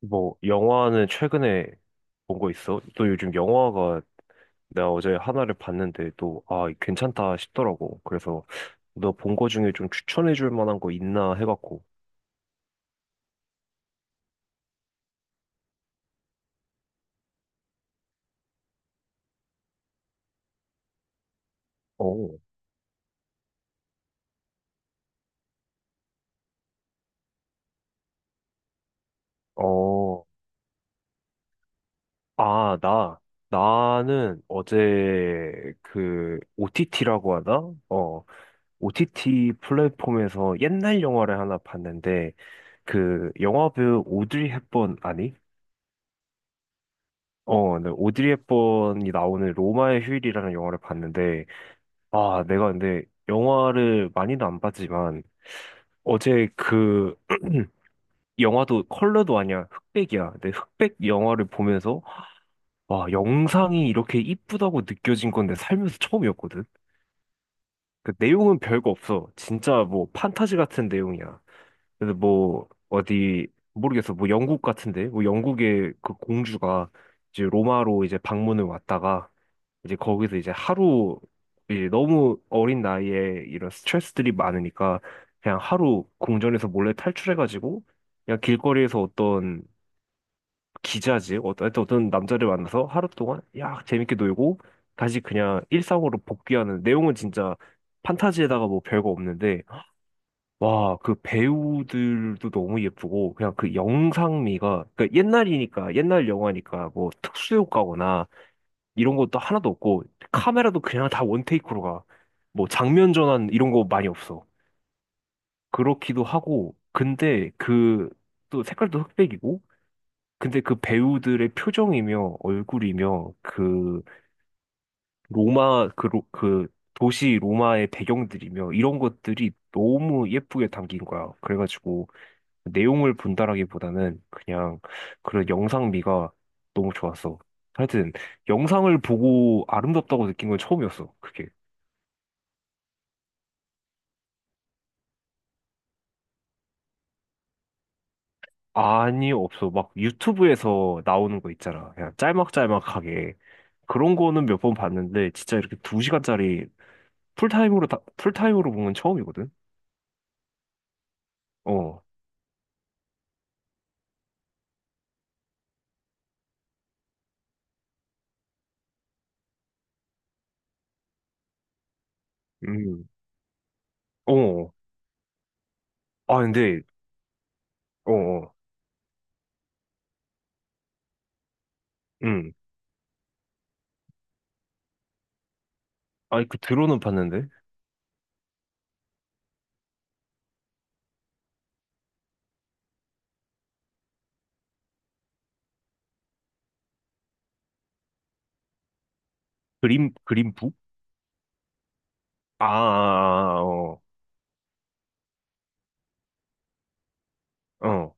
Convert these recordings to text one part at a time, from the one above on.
뭐 영화는 최근에 본 거 있어? 또 요즘 영화가 내가 어제 하나를 봤는데 또 아, 괜찮다 싶더라고. 그래서 너 본 거 중에 좀 추천해 줄 만한 거 있나 해갖고. 어. 어. 아, 나 나는 어제 그 OTT라고 하나? 어. OTT 플랫폼에서 옛날 영화를 하나 봤는데 그 영화배우 오드리 헵번 아니? 어, 네, 오드리 헵번이 나오는 로마의 휴일이라는 영화를 봤는데, 아, 내가 근데 영화를 많이는 안 봤지만 어제 그 영화도 컬러도 아니야. 흑백이야. 근데 흑백 영화를 보면서 와, 영상이 이렇게 이쁘다고 느껴진 건데 살면서 처음이었거든. 그 내용은 별거 없어. 진짜 뭐 판타지 같은 내용이야. 근데 뭐 어디 모르겠어. 뭐 영국 같은데. 뭐 영국의 그 공주가 이제 로마로 이제 방문을 왔다가 이제 거기서 이제 하루, 이제 너무 어린 나이에 이런 스트레스들이 많으니까 그냥 하루 궁전에서 몰래 탈출해가지고 그냥 길거리에서 어떤 기자지 어떤 하여튼 어떤 남자를 만나서 하루 동안 야 재밌게 놀고 다시 그냥 일상으로 복귀하는 내용은 진짜 판타지에다가 뭐 별거 없는데 와, 그 배우들도 너무 예쁘고 그냥 그 영상미가 그러니까 옛날이니까 옛날 영화니까 뭐 특수 효과거나 이런 것도 하나도 없고 카메라도 그냥 다 원테이크로 가. 뭐 장면 전환 이런 거 많이 없어. 그렇기도 하고 근데 그 또 색깔도 흑백이고 근데 그 배우들의 표정이며 얼굴이며 그 로마 그, 그 도시 로마의 배경들이며 이런 것들이 너무 예쁘게 담긴 거야. 그래가지고 내용을 본다라기보다는 그냥 그런 영상미가 너무 좋았어. 하여튼 영상을 보고 아름답다고 느낀 건 처음이었어. 그게. 아니, 없어. 막 유튜브에서 나오는 거 있잖아. 그냥 짤막짤막하게. 그런 거는 몇 번 봤는데, 진짜 이렇게 두 시간짜리 풀타임으로, 다, 풀타임으로 본 건 처음이거든? 어, 음, 어. 아, 근데, 어, 어, 음. 아니, 그 드론은 봤는데? 그림북? 아, 아, 아, 아, 어, 어,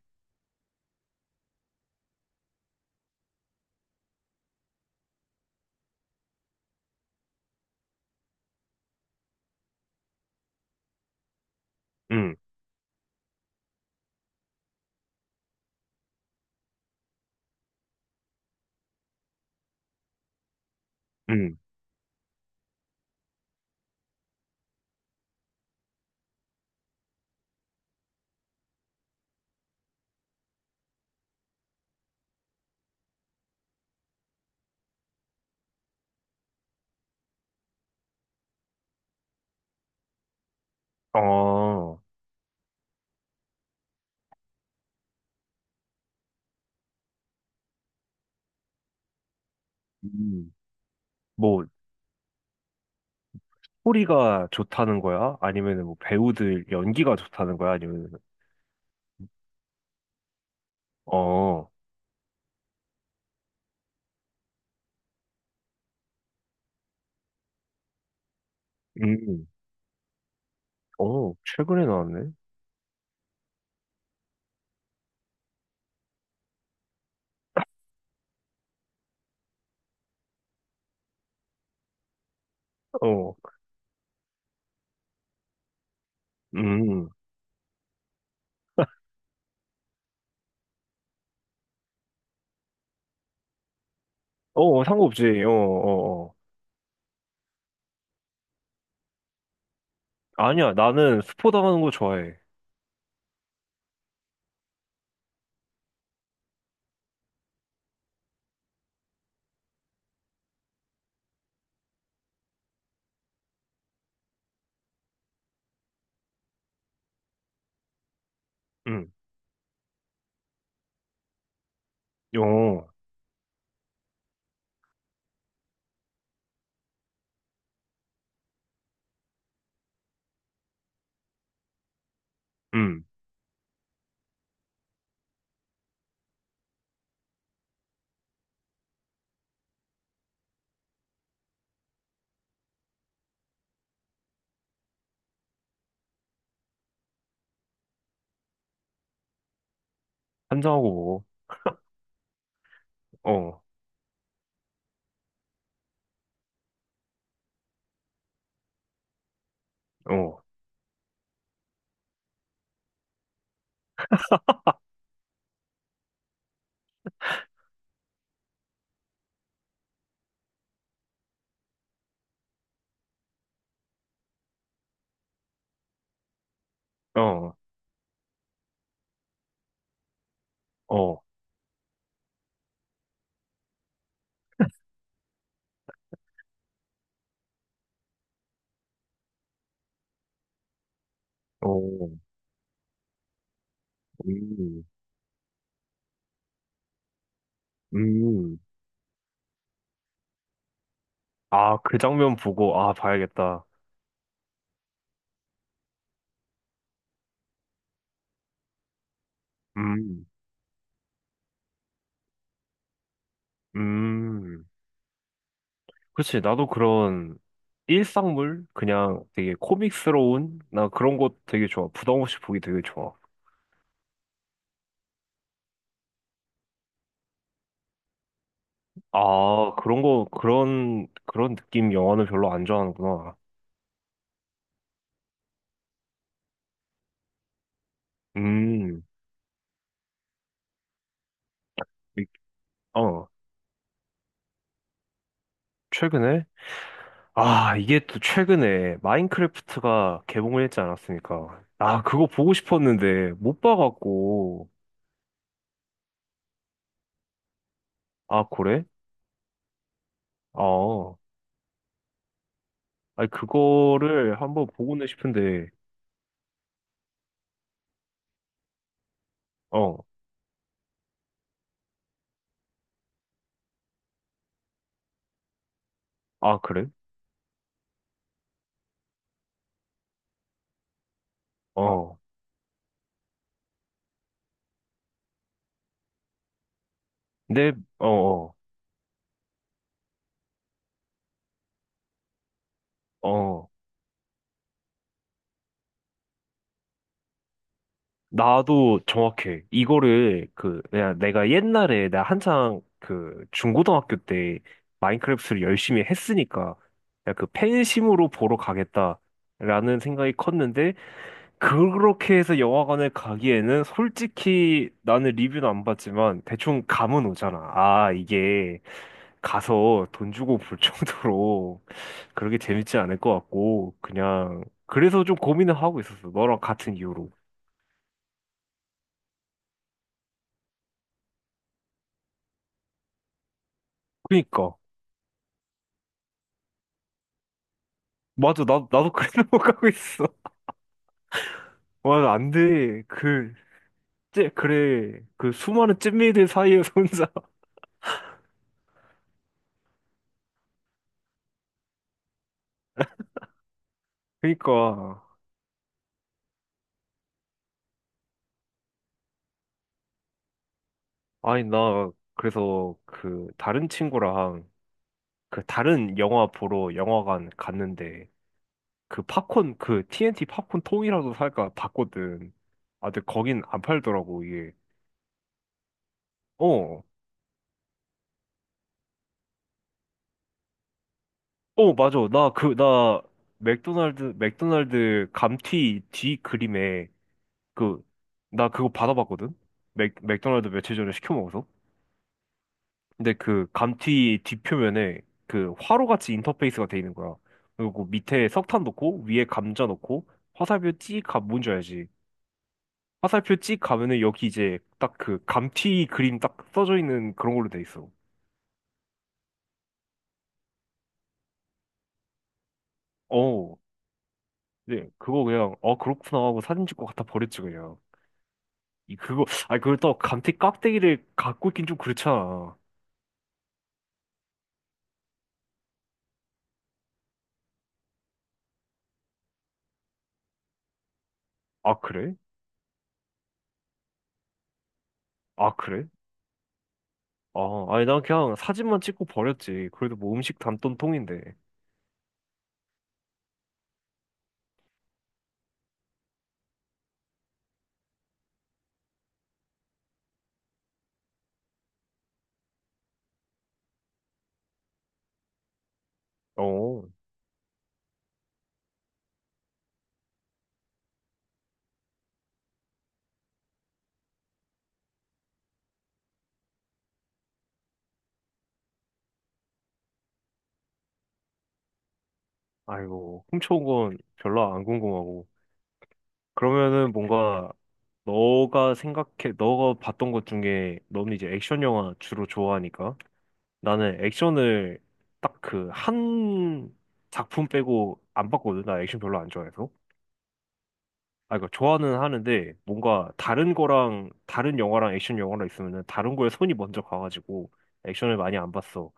음, 음, 어, 음. 뭐, 소리가 좋다는 거야? 아니면은 뭐 배우들 연기가 좋다는 거야? 아니면, 어, 음. 어, 최근에 나왔네? 어, 음. 어, 어, 상관없지. 어, 어, 어. 아니야, 나는 스포 당하는 거 좋아해. 음, 어, 음. 한잔하고 먹어. 어, 어, 어, 어, 어, 음, 음. 아, 그 장면 보고, 아, 봐야겠다. 음, 음. 그치, 나도 그런 일상물? 그냥 되게 코믹스러운? 나 그런 거 되게 좋아. 부담 없이 보기 되게 좋아. 아, 그런 거, 그런, 그런 느낌 영화는 별로 안 좋아하는구나. 음, 이- 어, 최근에? 아, 이게 또 최근에 마인크래프트가 개봉을 했지 않았습니까? 아, 그거 보고 싶었는데 못 봐갖고. 아, 그래? 어, 아니, 그거를 한번 보고는 싶은데, 어, 아, 그래? 어, 근데, 어, 어, 어. 나도 정확해. 이거를 그 내가 옛날에 내가 한창 그 중고등학교 때 마인크래프트를 열심히 했으니까 그그 팬심으로 보러 가겠다라는 생각이 컸는데 그렇게 해서 영화관을 가기에는 솔직히 나는 리뷰는 안 봤지만 대충 감은 오잖아. 아, 이게 가서 돈 주고 볼 정도로 그렇게 재밌지 않을 것 같고 그냥 그래서 좀 고민을 하고 있었어. 너랑 같은 이유로. 그니까. 맞아, 나도 그래 생못가고 있어. 맞아, 안 돼. 그, 찌, 그래. 그 수많은 찐밀들 사이에서 혼자. 그니까. 아니, 나, 그래서 그, 다른 친구랑 그, 다른 영화 보러 영화관 갔는데, 그 팝콘, 그 TNT 팝콘 통이라도 살까 봤거든. 아, 근데 거긴 안 팔더라고, 이게. 어, 어, 맞아. 나 그, 나 맥도날드 감튀 뒤 그림에 그, 나 그거 받아봤거든? 맥도날드 며칠 전에 시켜 먹어서. 근데 그 감튀 뒷표면에 그 화로같이 인터페이스가 돼 있는 거야. 그리고 그 밑에 석탄 넣고, 위에 감자 넣고, 화살표 찍 가면 뭔지 알지? 화살표 찍 가면은 여기 이제 딱 그 감튀 그림 딱 써져 있는 그런 걸로 돼 있어. 어, 네, 그거 그냥, 어, 그렇구나 하고 사진 찍고 갖다 버렸지, 그냥. 이, 그거, 아니, 그걸 또 감튀 깍대기를 갖고 있긴 좀 그렇잖아. 아, 그래? 아, 그래? 아, 아니, 난 그냥 사진만 찍고 버렸지. 그래도 뭐 음식 담던 통인데. 어, 아이고, 훔쳐온 건 별로 안 궁금하고. 그러면은 뭔가, 너가 생각해, 너가 봤던 것 중에, 너는 이제 액션 영화 주로 좋아하니까. 나는 액션을 딱 그 한 작품 빼고 안 봤거든. 나 액션 별로 안 좋아해서. 아, 그러니까 좋아는 하는데, 뭔가 다른 거랑, 다른 영화랑 액션 영화랑 있으면은 다른 거에 손이 먼저 가가지고, 액션을 많이 안 봤어.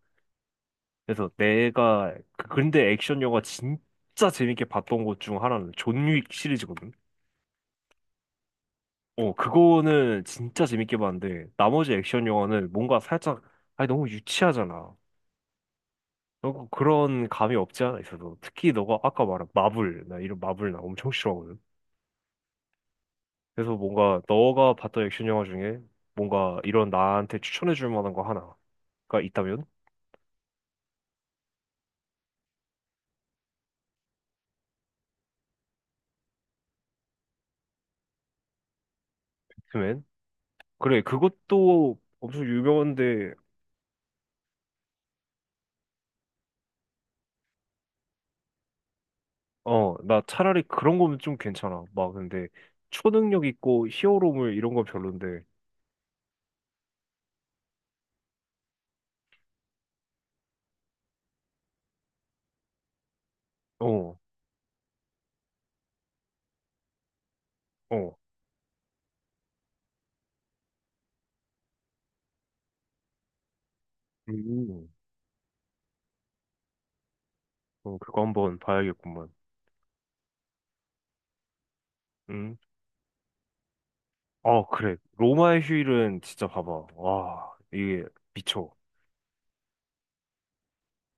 그래서 내가 근데 액션 영화 진짜 재밌게 봤던 것 중 하나는 존 윅 시리즈거든. 어, 그거는 진짜 재밌게 봤는데 나머지 액션 영화는 뭔가 살짝 아니 너무 유치하잖아. 너무 그런 감이 없지 않아 있어서 특히 너가 아까 말한 마블 나 이런 마블 나 엄청 싫어하거든. 그래서 뭔가 너가 봤던 액션 영화 중에 뭔가 이런 나한테 추천해 줄 만한 거 하나가 있다면? 그러면 그래 그것도 엄청 유명한데 어, 나 차라리 그런 거면 좀 괜찮아. 막 근데 초능력 있고 히어로물 이런 건 별론데. 어, 어. 음. 어, 그거 한번 봐야겠구만. 음. 아, 그래. 로마의 휴일은 진짜 봐봐. 와, 이게 미쳐.